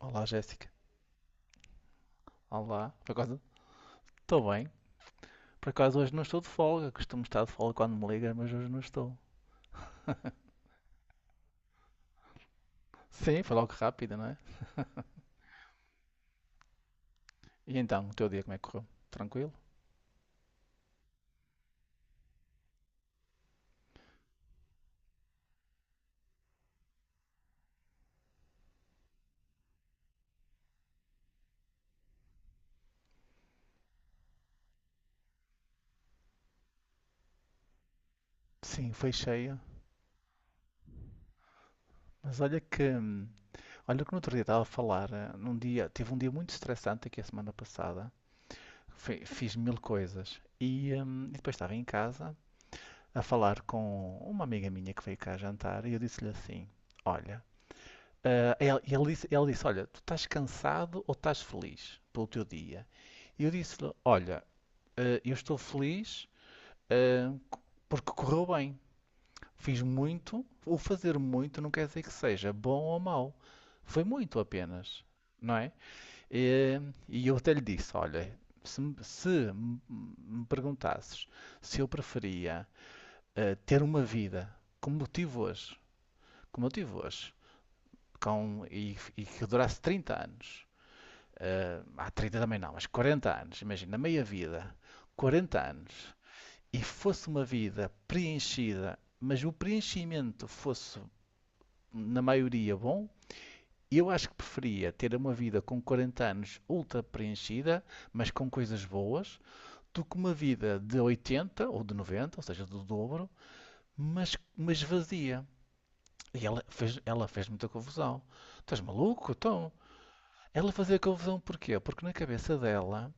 Olá, Jéssica. Olá. Por acaso, estou bem. Por acaso, hoje não estou de folga. Costumo estar de folga quando me ligas, mas hoje não estou. Sim, foi logo rápido, não é? E então, o teu dia como é que correu? Tranquilo? Sim, foi cheia. Mas olha que. Olha que no outro dia estava a falar. Num dia, tive um dia muito estressante aqui a semana passada. Fiz mil coisas. E depois estava em casa a falar com uma amiga minha que veio cá jantar e eu disse-lhe assim: Olha, ele disse, olha, tu estás cansado ou estás feliz pelo teu dia? E eu disse-lhe, olha, eu estou feliz, ah, c- porque correu bem. Fiz muito, o fazer muito não quer dizer que seja bom ou mau. Foi muito apenas, não é? Eh, E eu até lhe disse, olha, se, me se me- me perguntasses se eu preferia ter uma vida como eu tive hoje, como eu tive hoje, e que durasse 30 anos, eh, há 30 também não, mas 40 anos, imagina, na meia vida, 40 anos, e fosse uma vida preenchida, mas o preenchimento fosse, na maioria, bom, eu acho que preferia ter uma vida com 40 anos ultra preenchida, mas com coisas boas, do que uma vida de 80 ou de 90, ou seja, do dobro, mas vazia. Ela fez muita confusão. Estás maluco? Então, ela fazia confusão porquê? Porque na cabeça dela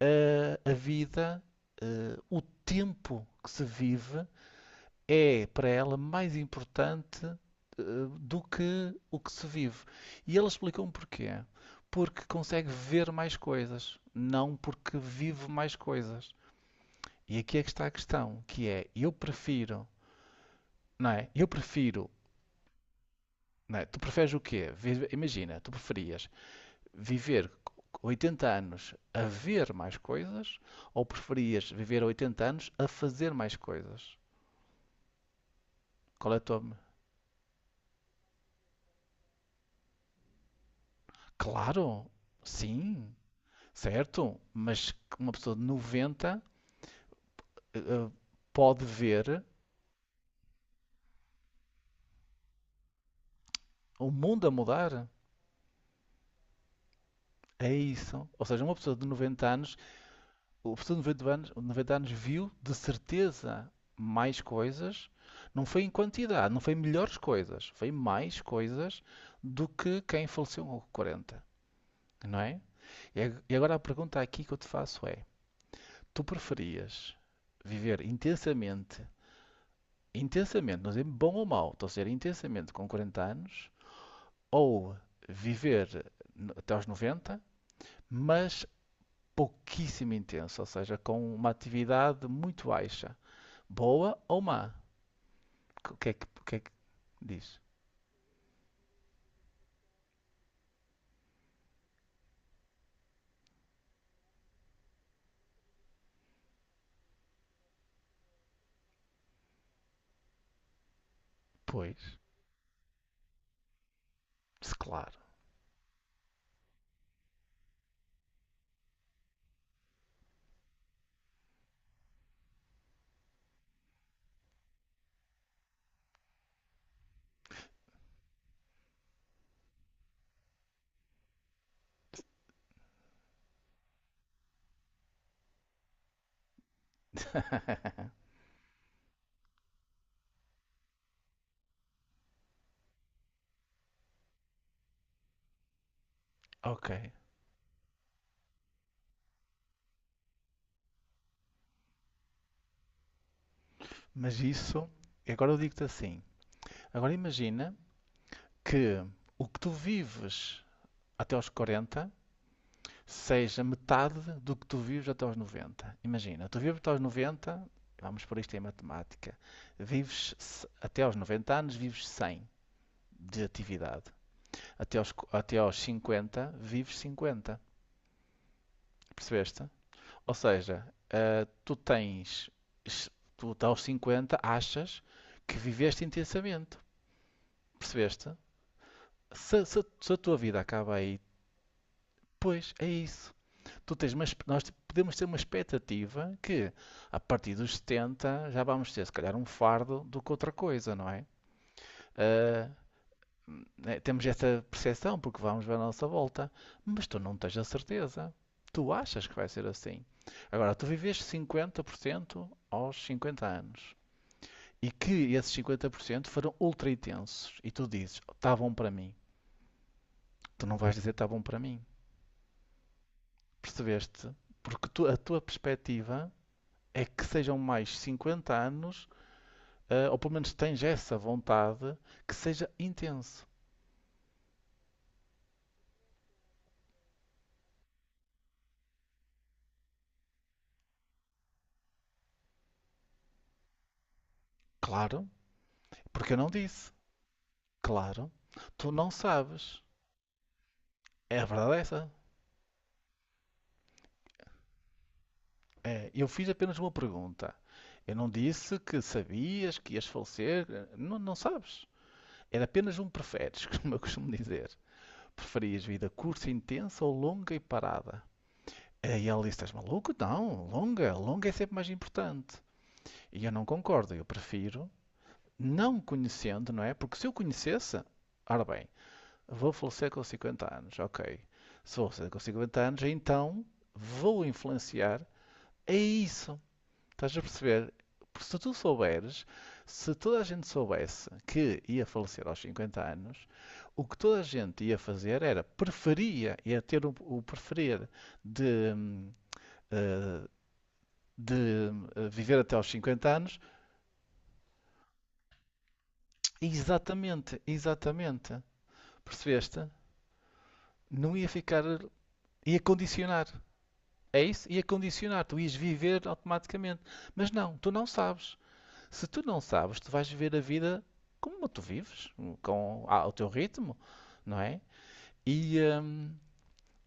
a vida, o tempo que se vive é para ela mais importante do que o que se vive. E ele explicou-me porquê. Porque consegue ver mais coisas, não porque vive mais coisas. E aqui é que está a questão, que é, eu prefiro, não é? Eu prefiro, não é? Tu preferes o quê? Imagina, tu preferias viver 80 anos a ver mais coisas ou preferias viver 80 anos a fazer mais coisas? Qual é a tua. Claro, sim, certo, mas uma pessoa de 90 eh, eh, pode ver o mundo a mudar. É isso. Ou seja, uma pessoa de 90 anos, o professor de 90 anos, 90 anos viu de certeza mais coisas, não foi em quantidade, não foi melhores coisas, foi mais coisas do que quem faleceu com 40, não é? E agora a pergunta aqui que eu te faço é: tu preferias viver intensamente, intensamente, não dizer bom ou mau, estou a dizer intensamente com 40 anos, ou viver até aos 90, mas pouquíssimo intenso, ou seja, com uma atividade muito baixa? Boa ou má? É que diz? Pois, claro. Ok. Mas isso, agora eu digo-te assim. Agora imagina que o que tu vives até aos 40 seja metade do que tu vives até aos 90. Imagina, tu vives até aos 90, vamos por isto em matemática, vives até aos 90 anos, vives 100 de atividade. Até aos 50, vives 50. Percebeste? Ou seja, eh, tu tens, tu tá aos 50 achas que viveste intensamente, percebeste? Se a tua vida acaba aí, pois é isso. Tu tens uma, expe- nós podemos ter uma expectativa que a partir dos 70 já vamos ter se calhar um fardo do que outra coisa, não é? Eh, né, temos essa percepção porque vamos ver à nossa volta, mas tu não tens a certeza. Tu achas que vai ser assim. Agora, tu viveste 50% aos 50 anos, e que esses 50% foram ultra intensos e tu dizes, está bom para mim. Tu não vais dizer está bom para mim. Percebeste? A tua perspectiva é que sejam mais 50 anos, ou pelo menos tens essa vontade, que seja intenso. Claro, porque eu não disse. Claro, tu não sabes. É, a verdade é essa. É, eu fiz apenas uma pergunta. Eu não disse que sabias que ias falecer. Não sabes. Era apenas um preferes, como eu costumo dizer. Preferias vida curta e intensa ou longa e parada? E ele disse: Estás maluco? Não, longa. Longa é sempre mais importante. E eu não concordo. Eu prefiro, não conhecendo, não é? Porque se eu conhecesse, ora bem, vou falecer com 50 anos, ok. Se vou falecer com 50 anos, então vou influenciar. É isso. Estás a perceber? Porque se tu souberes, se toda a gente soubesse que ia falecer aos 50 anos, o que toda a gente ia fazer era preferia, ia ter o preferir de, eh, de viver até aos 50 anos. Exatamente, exatamente. Percebeste? Não ia ficar, ia condicionar. É isso? Ia condicionar, tu ias viver automaticamente. Mas não, tu não sabes. Se tu não sabes, tu vais viver a vida como tu vives, com o teu ritmo, não é? E, hum,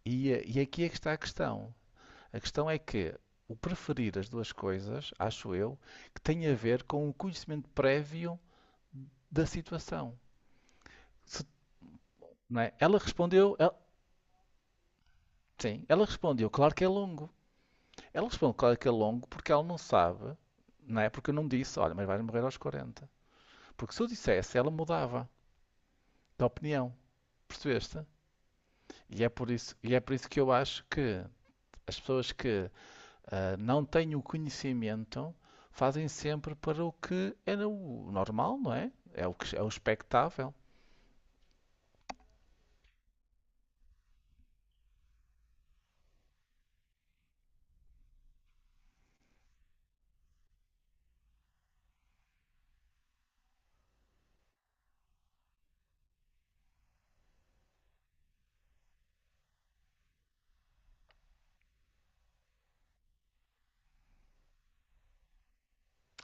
e, e aqui é que está a questão. A questão é que o preferir as duas coisas, acho eu, que tem a ver com o conhecimento prévio da situação. Se- não é? Sim, ela respondeu, claro que é longo. Ela respondeu, claro que é longo, porque ela não sabe, não é? Porque eu não disse, olha, mas vais morrer aos 40. Porque se eu dissesse, ela mudava de opinião. Percebeste? E é por isso que eu acho que as pessoas que não têm o conhecimento fazem sempre para o que era o normal, não é? É o que é o expectável.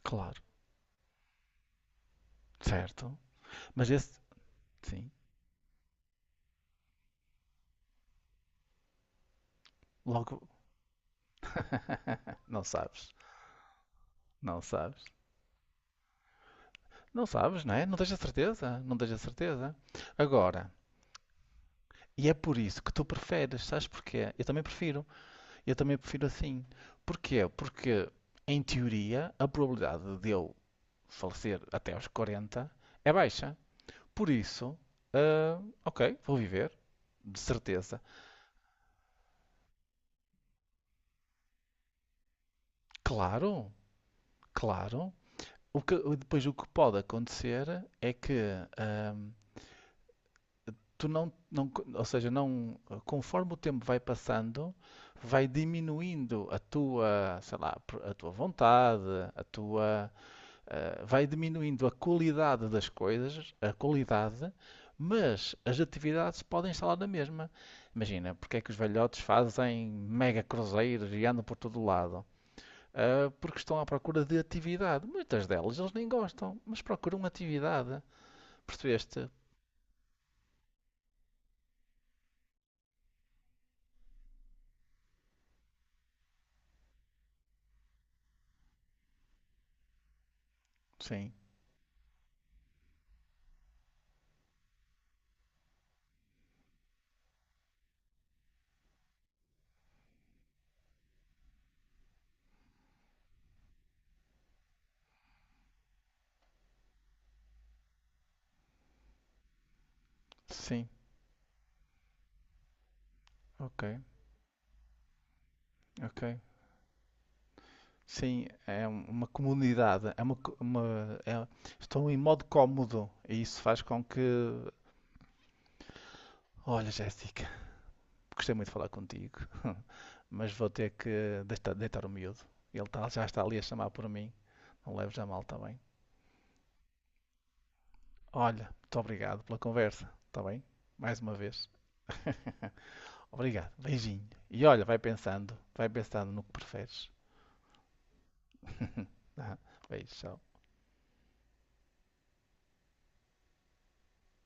Claro, certo. Mas esse, sim, logo não sabes, não sabes. Não sabes, não é? Não tens a certeza, Agora, e é por isso que tu preferes, sabes porquê? Eu também prefiro assim. Porquê? Porque, em teoria, a probabilidade de eu falecer até aos 40 é baixa. Por isso, ok, vou viver, de certeza. Claro, claro. Depois o que pode acontecer é que ahm, tu não, não, ou seja, não, conforme o tempo vai passando, vai diminuindo a tua, sei lá, a tua vontade, a tua vai diminuindo a qualidade das coisas, a qualidade, mas as atividades podem instalar na mesma. Imagina, porque é que os velhotes fazem mega cruzeiros e andam por todo o lado? Porque estão à procura de atividade. Muitas delas eles nem gostam, mas procuram atividade. Percebeste? Sim, sim, ok, ok. Sim, é uma comunidade, é estão em modo cómodo e isso faz com que. Olha, Jéssica, gostei muito de falar contigo, mas vou ter que deitar, deitar o miúdo. Já está ali a chamar por mim. Não leves a mal, está bem? Olha, muito obrigado pela conversa, está bem? Mais uma vez. Obrigado, beijinho. E olha, vai pensando no que preferes. Ah, beijo, tchau.